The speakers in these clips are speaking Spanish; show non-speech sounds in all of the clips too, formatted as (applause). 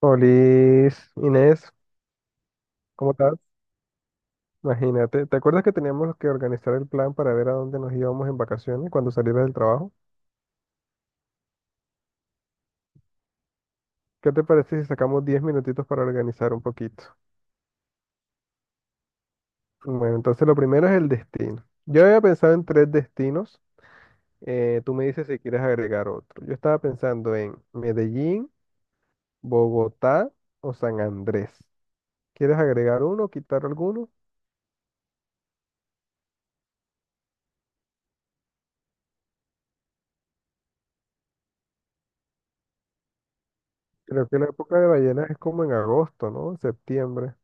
Olis, Inés, ¿cómo estás? Imagínate, ¿te acuerdas que teníamos que organizar el plan para ver a dónde nos íbamos en vacaciones cuando salieras del trabajo? ¿Qué te parece si sacamos 10 minutitos para organizar un poquito? Bueno, entonces lo primero es el destino. Yo había pensado en tres destinos. Tú me dices si quieres agregar otro. Yo estaba pensando en Medellín, Bogotá o San Andrés. ¿Quieres agregar uno, o quitar alguno? Creo que la época de ballenas es como en agosto, ¿no? Septiembre.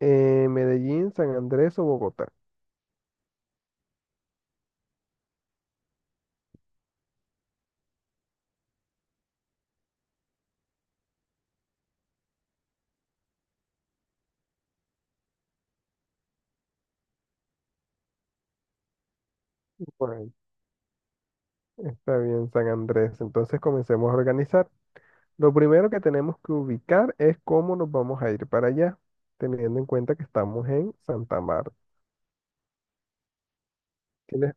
Medellín, San Andrés o Bogotá. Bueno, está bien, San Andrés. Entonces comencemos a organizar. Lo primero que tenemos que ubicar es cómo nos vamos a ir para allá, teniendo en cuenta que estamos en Santa Marta. ¿Tienes-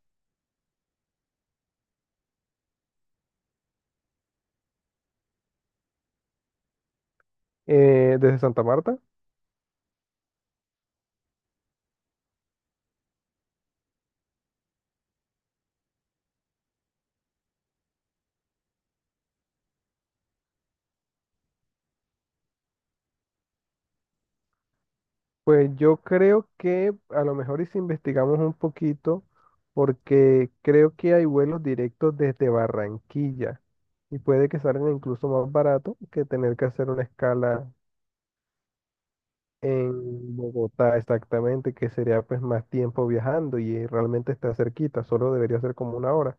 desde Santa Marta? Pues yo creo que a lo mejor y si investigamos un poquito, porque creo que hay vuelos directos desde Barranquilla y puede que salgan incluso más barato que tener que hacer una escala en Bogotá, exactamente, que sería pues más tiempo viajando y realmente está cerquita, solo debería ser como una hora.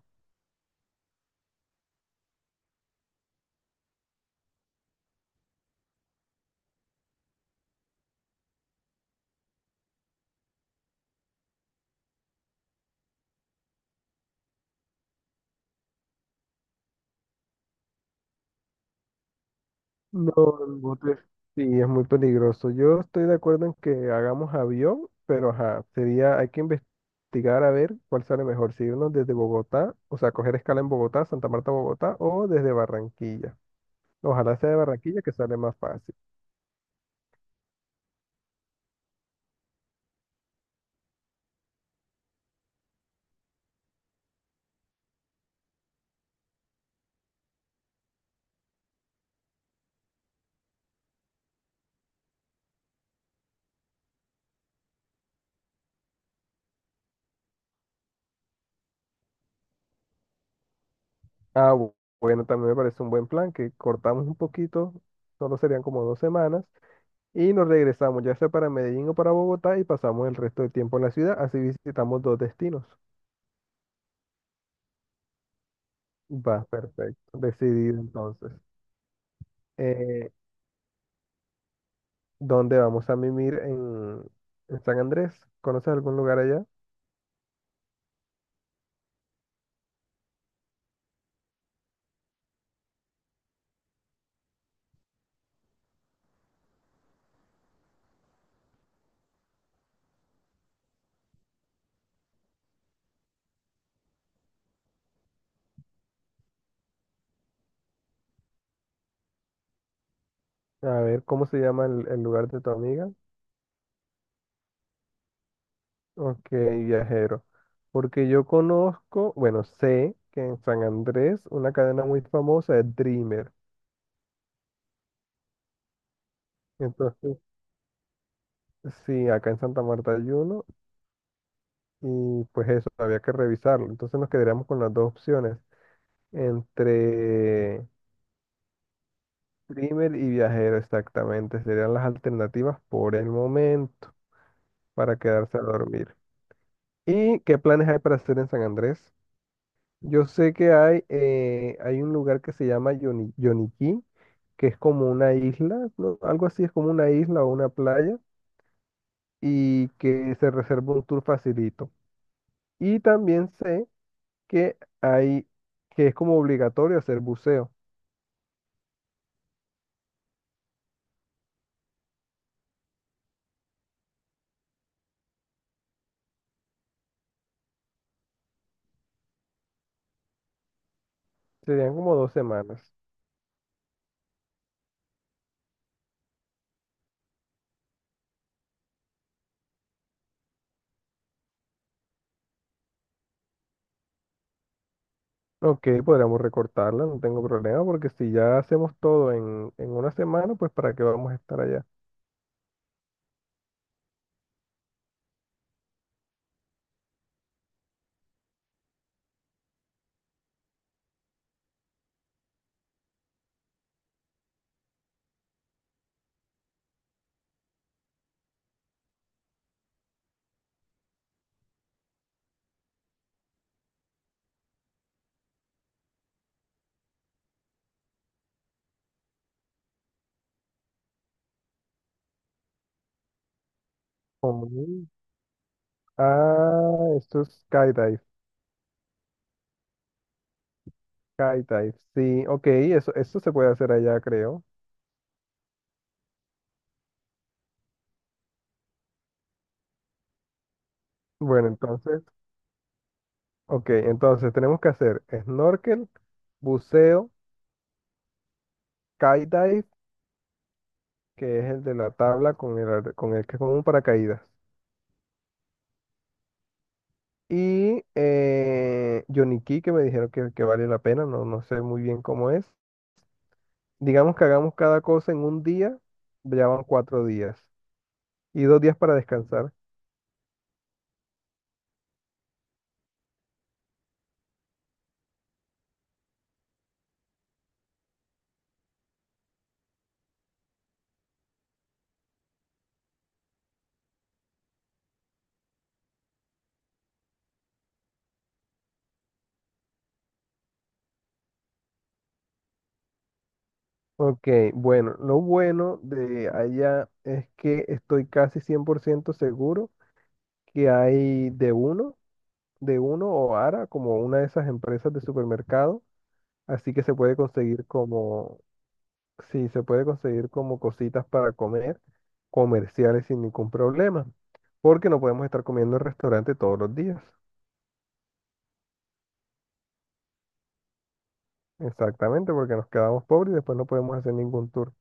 No, en bote sí, es muy peligroso. Yo estoy de acuerdo en que hagamos avión, pero ajá, sería, hay que investigar a ver cuál sale mejor, si irnos desde Bogotá, o sea, coger escala en Bogotá, Santa Marta, Bogotá, o desde Barranquilla. Ojalá sea de Barranquilla que sale más fácil. Ah, bueno, también me parece un buen plan, que cortamos un poquito, solo serían como 2 semanas y nos regresamos, ya sea para Medellín o para Bogotá, y pasamos el resto del tiempo en la ciudad. Así visitamos dos destinos. Va, perfecto. Decidido entonces. Eh, ¿Dónde vamos a mimir en, San Andrés? ¿Conoces algún lugar allá? A ver, ¿cómo se llama el lugar de tu amiga? Ok, viajero. Porque yo conozco, bueno, sé que en San Andrés una cadena muy famosa es Dreamer. Entonces, sí, acá en Santa Marta hay uno, y pues eso, había que revisarlo. Entonces nos quedaríamos con las dos opciones, entre Primer y Viajero exactamente, serían las alternativas por el momento para quedarse a dormir. ¿Y qué planes hay para hacer en San Andrés? Yo sé que hay un lugar que se llama Yoniquí, que es como una isla, ¿no? Algo así, es como una isla o una playa, y que se reserva un tour facilito. Y también sé que hay, que es como obligatorio hacer buceo. Serían como dos semanas. Ok, podríamos recortarla, no tengo problema, porque si ya hacemos todo en, una semana, pues ¿para qué vamos a estar allá? Mm. Ah, esto es skydive, sí, ok, eso se puede hacer allá, creo. Bueno, entonces, ok, entonces tenemos que hacer snorkel, buceo, skydive, que es el de la tabla con el que es con un paracaídas. Y Johnny Key, que me dijeron que vale la pena, no, no sé muy bien cómo es. Digamos que hagamos cada cosa en un día, ya van 4 días y 2 días para descansar. Ok, bueno, lo bueno de allá es que estoy casi 100% seguro que hay de uno o Ara, como una de esas empresas de supermercado, así que se puede conseguir como cositas para comer comerciales sin ningún problema, porque no podemos estar comiendo en restaurante todos los días. Exactamente, porque nos quedamos pobres y después no podemos hacer ningún tour.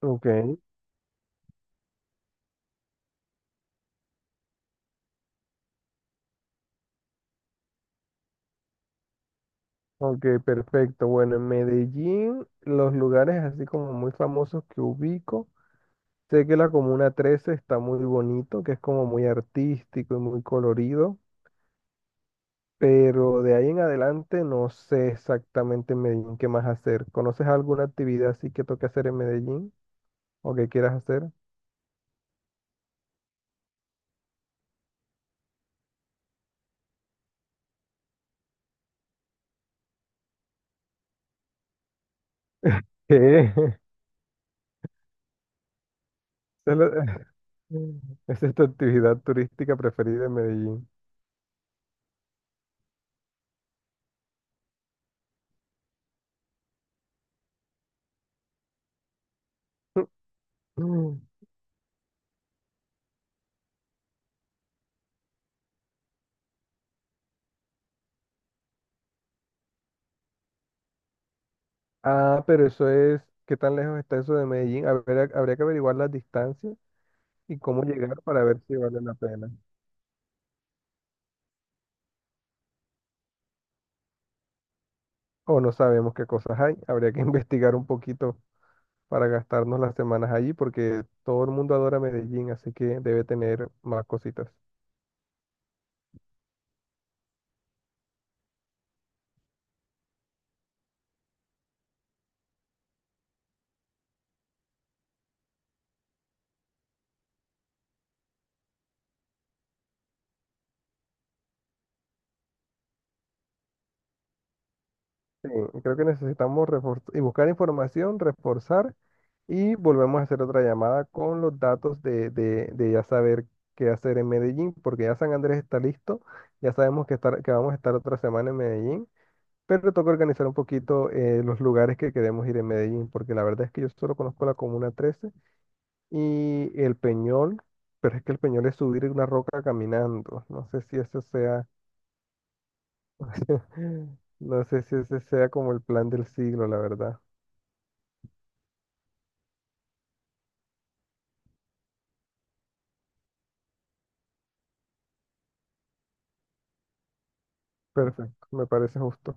Ok, ok, perfecto. Bueno, en Medellín, los lugares así como muy famosos que ubico, sé que la Comuna 13 está muy bonito, que es como muy artístico y muy colorido, pero de ahí en adelante no sé exactamente en Medellín qué más hacer. ¿Conoces alguna actividad así que toque hacer en Medellín o que quieras hacer? ¿Qué? (laughs) Solo- Esa es tu actividad turística preferida en Medellín. (laughs) Ah, pero eso es, ¿qué tan lejos está eso de Medellín? Habría que averiguar las distancias y cómo llegar para ver si vale la pena. O no sabemos qué cosas hay. Habría que (laughs) investigar un poquito para gastarnos las semanas allí porque todo el mundo adora Medellín, así que debe tener más cositas. Sí, creo que necesitamos y buscar información, reforzar y volvemos a hacer otra llamada con los datos de ya saber qué hacer en Medellín, porque ya San Andrés está listo, ya sabemos que vamos a estar otra semana en Medellín, pero toca organizar un poquito los lugares que queremos ir en Medellín, porque la verdad es que yo solo conozco la Comuna 13 y el Peñol, pero es que el Peñol es subir una roca caminando, no sé si eso sea, (laughs) no sé si ese sea como el plan del siglo, la verdad. Perfecto, me parece justo.